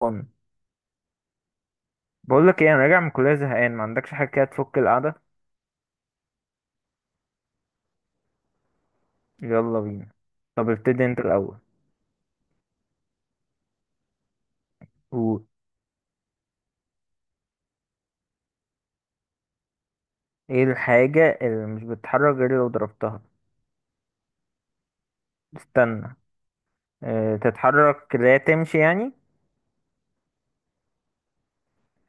فن. بقول لك ايه، انا راجع من الكليه زهقان، ما عندكش حاجه كده تفك القعده؟ يلا بينا. طب ابتدي انت الاول. قول. ايه الحاجه اللي مش بتتحرك غير لو ضربتها؟ استنى. اه تتحرك لا تمشي يعني؟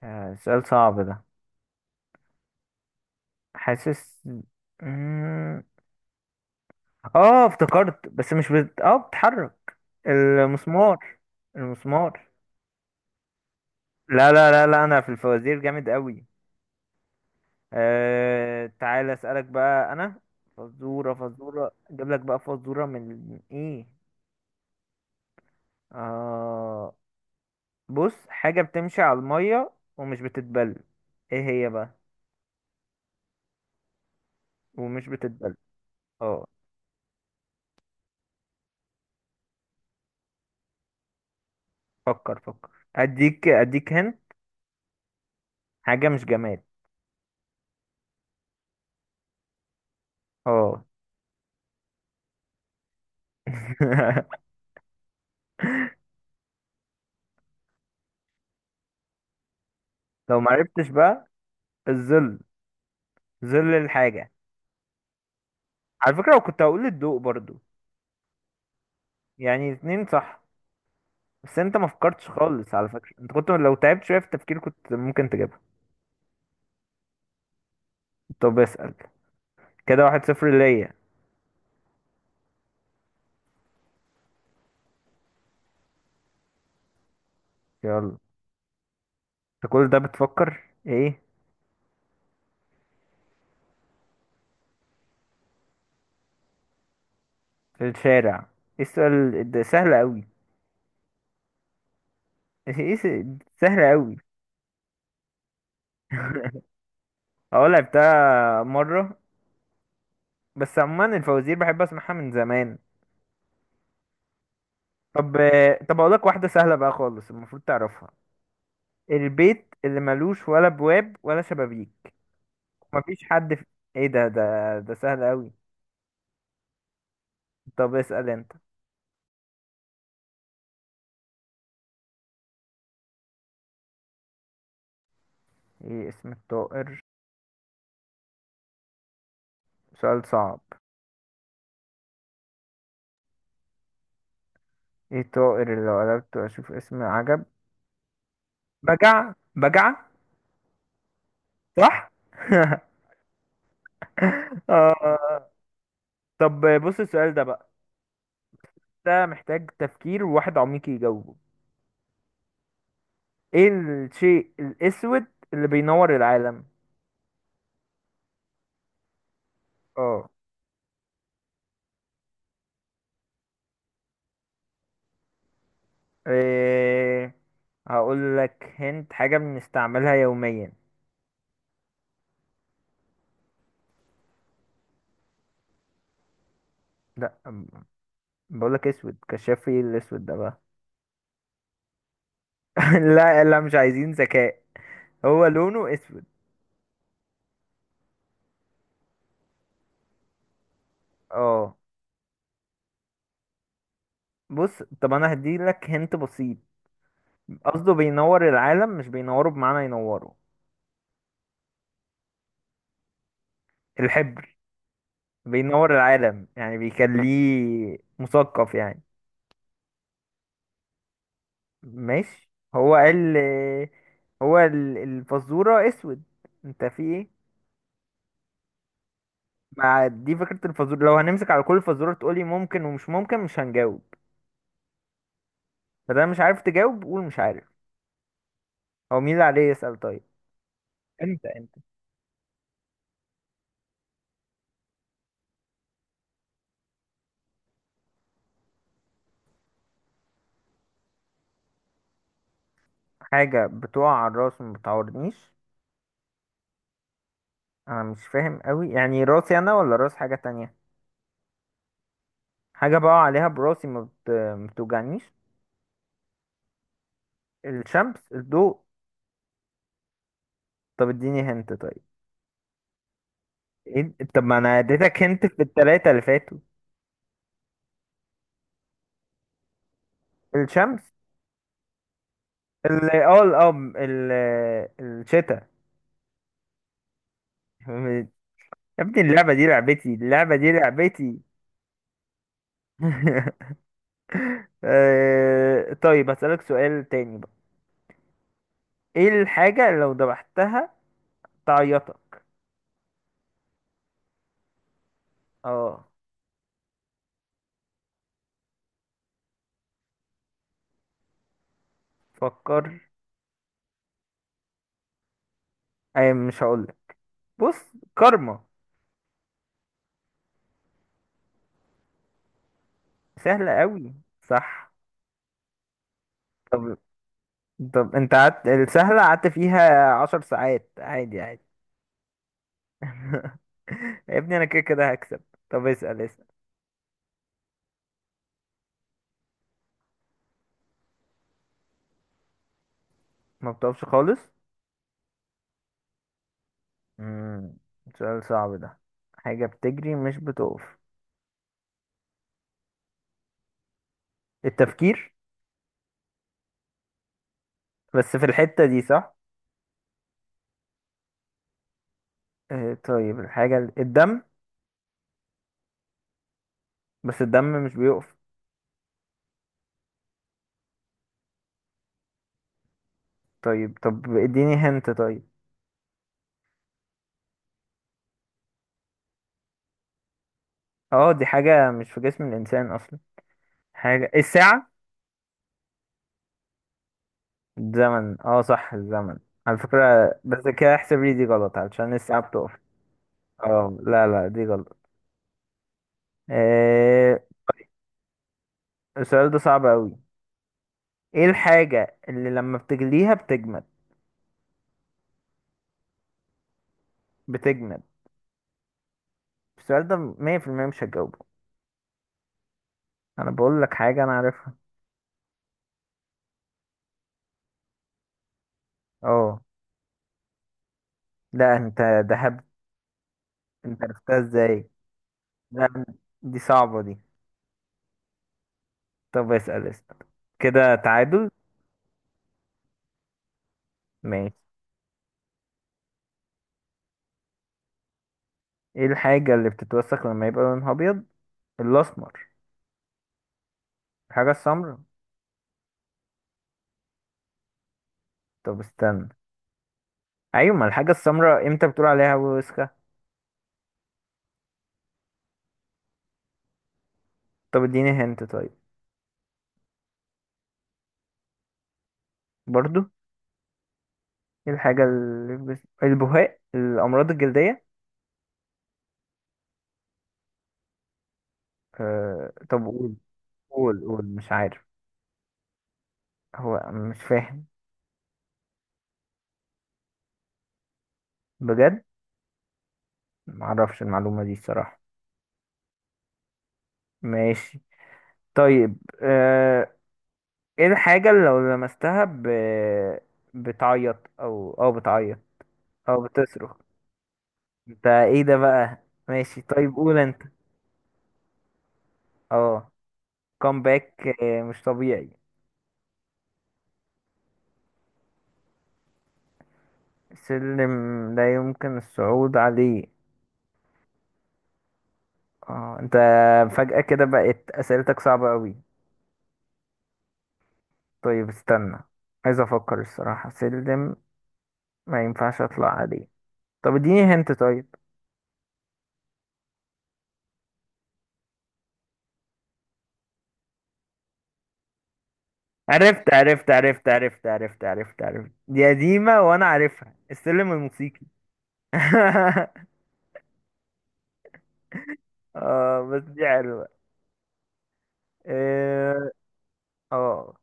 اه سؤال صعب ده. حاسس. مم، اه افتكرت، بس مش بت... اه بتتحرك. المسمار. المسمار. لا لا لا لا، انا في الفوازير جامد قوي. آه تعالى اسألك بقى انا. فزورة فزورة، اجيب لك بقى فزورة من ايه. آه. بص، حاجة بتمشي على المية ومش بتتبل. ايه هي بقى؟ ومش بتتبل. اه. فكر فكر، اديك اديك هن. حاجة مش جماد. اه. لو معرفتش بقى، الظل. ظل الحاجة. على فكرة لو كنت هقول الضوء برضو، يعني 2 صح. بس انت ما فكرتش خالص، على فكرة انت كنت لو تعبت شوية في التفكير كنت ممكن تجيبها. طب اسأل. كده 1-0 ليا. يلا. انت كل ده بتفكر ايه؟ في الشارع. ايه السؤال ده سهل قوي. ايه س- سهل قوي. اه لعبتها مرة، بس عموما الفوازير بحب اسمعها من زمان. طب. اقول لك واحدة سهلة بقى خالص المفروض تعرفها. البيت اللي ملوش ولا بواب ولا شبابيك. مفيش حد في... ايه ده سهل قوي. طب اسأل انت. ايه اسم الطائر؟ سؤال صعب. ايه الطائر اللي لو قلبته اشوف اسم عجب؟ بجع بجع. صح. آه. طب بص السؤال ده بقى، ده محتاج تفكير وواحد عميق يجاوبه. ايه الشيء الاسود اللي بينور العالم؟ اه. إيه... هقول لك هنت، حاجة بنستعملها يوميا. لا، بقول لك اسود كشاف، ايه الاسود ده بقى. لا لا مش عايزين ذكاء. هو لونه اسود. اه. بص، طب انا هديلك هنت بسيط. قصده بينور العالم مش بينوره بمعنى ينوره. الحبر بينور العالم يعني بيخليه مثقف يعني. ماشي. هو قال. الفزورة اسود. انت في ايه؟ مع دي فكرة الفزورة لو هنمسك على كل فزورة تقولي ممكن ومش ممكن مش هنجاوب. فده مش عارف تجاوب قول مش عارف. هو مين اللي عليه يسأل طيب؟ انت. حاجة بتقع على الراس وما بتعورنيش. انا مش فاهم قوي، يعني راسي انا ولا راس حاجة تانية؟ حاجة بقع عليها براسي ما بتوجعنيش. الشمس؟ الضوء؟ طب اديني هنت طيب. ايه ده؟ طب ما انا اديتك هنت في التلاتة اللي فاتوا. الشمس. ال اه ال- اه ال الشتاء. يا ابني اللعبة دي لعبتي، اللعبة دي لعبتي. آه، طيب هسألك سؤال تاني بقى. ايه الحاجة اللي لو ذبحتها تعيطك؟ اه. فكر. اي مش هقولك. بص. كارما. سهلة قوي. صح. طب. طب انت قعدت السهلة قعدت فيها 10 ساعات عادي عادي. يا ابني انا كده كده هكسب. طب اسأل اسأل. ما بتقفش خالص. امم سؤال صعب ده. حاجة بتجري مش بتقف. التفكير. بس في الحتة دي صح. آه، طيب الحاجة الدم. بس الدم مش بيقف. طيب. طب اديني هنت طيب. اه دي حاجة مش في جسم الإنسان أصلا. حاجة الساعة. الزمن. اه صح الزمن. على فكرة. بس كده احسب لي دي غلط علشان الساعة بتقف. اه لا لا دي غلط. آه. السؤال ده صعب أوي. ايه الحاجة اللي لما بتجليها بتجمد؟ بتجمد. السؤال ده 100% مش هجاوبه. انا بقول لك حاجة انا عارفها. اه. لا انت. ده هب. انت عرفتها ازاي؟ لا دي صعبة دي. طب اسأل اسأل. كده تعادل. ماشي. ايه الحاجة اللي بتتوسخ لما يبقى لونها ابيض؟ الاسمر. الحاجة السمراء. طب استنى. ايوه، ما الحاجة السمراء امتى بتقول عليها وسخة؟ طب اديني هنت طيب. برضو. ايه الحاجة اللي بس... البهاق، الامراض الجلدية. آه... طب قول. قول قول مش عارف. هو مش فاهم. بجد. معرفش المعلومة دي الصراحة. ماشي. طيب. آه، ايه الحاجة اللي لو لمستها ب... بتعيط او بتعيط او بتصرخ. انت ايه ده بقى؟ ماشي طيب قول انت. اه. كومباك. مش طبيعي. سلم لا يمكن الصعود عليه. اه. انت فجأة كده بقت اسئلتك صعبة قوي. طيب استنى، عايز افكر الصراحة، سلم ما ينفعش اطلع عليه. طب اديني هنت طيب. عرفت عرفت عرفت عرفت عرفت عرفت عرفت دي قديمة وانا عارفها، السلم الموسيقي. اه بس دي حلوة. اه. آه.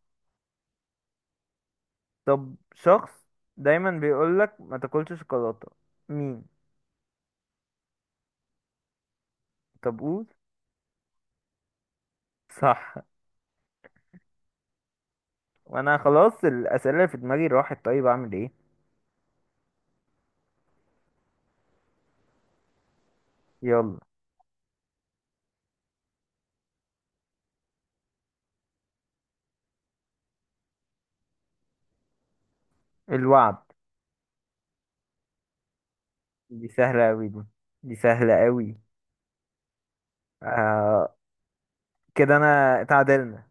طب شخص دايما بيقولك ما تاكلش شوكولاتة، مين؟ طب قول. صح. وانا خلاص الاسئلة اللي في دماغي راحت، طيب اعمل ايه؟ يلا. الوعد. دي سهلة اوي دي، دي سهلة اوي. آه. كده انا اتعادلنا.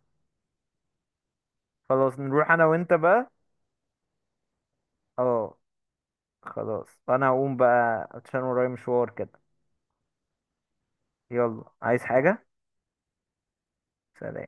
خلاص نروح انا وانت بقى. اه. خلاص انا هقوم بقى عشان ورايا مشوار كده. يلا عايز حاجة؟ سلام.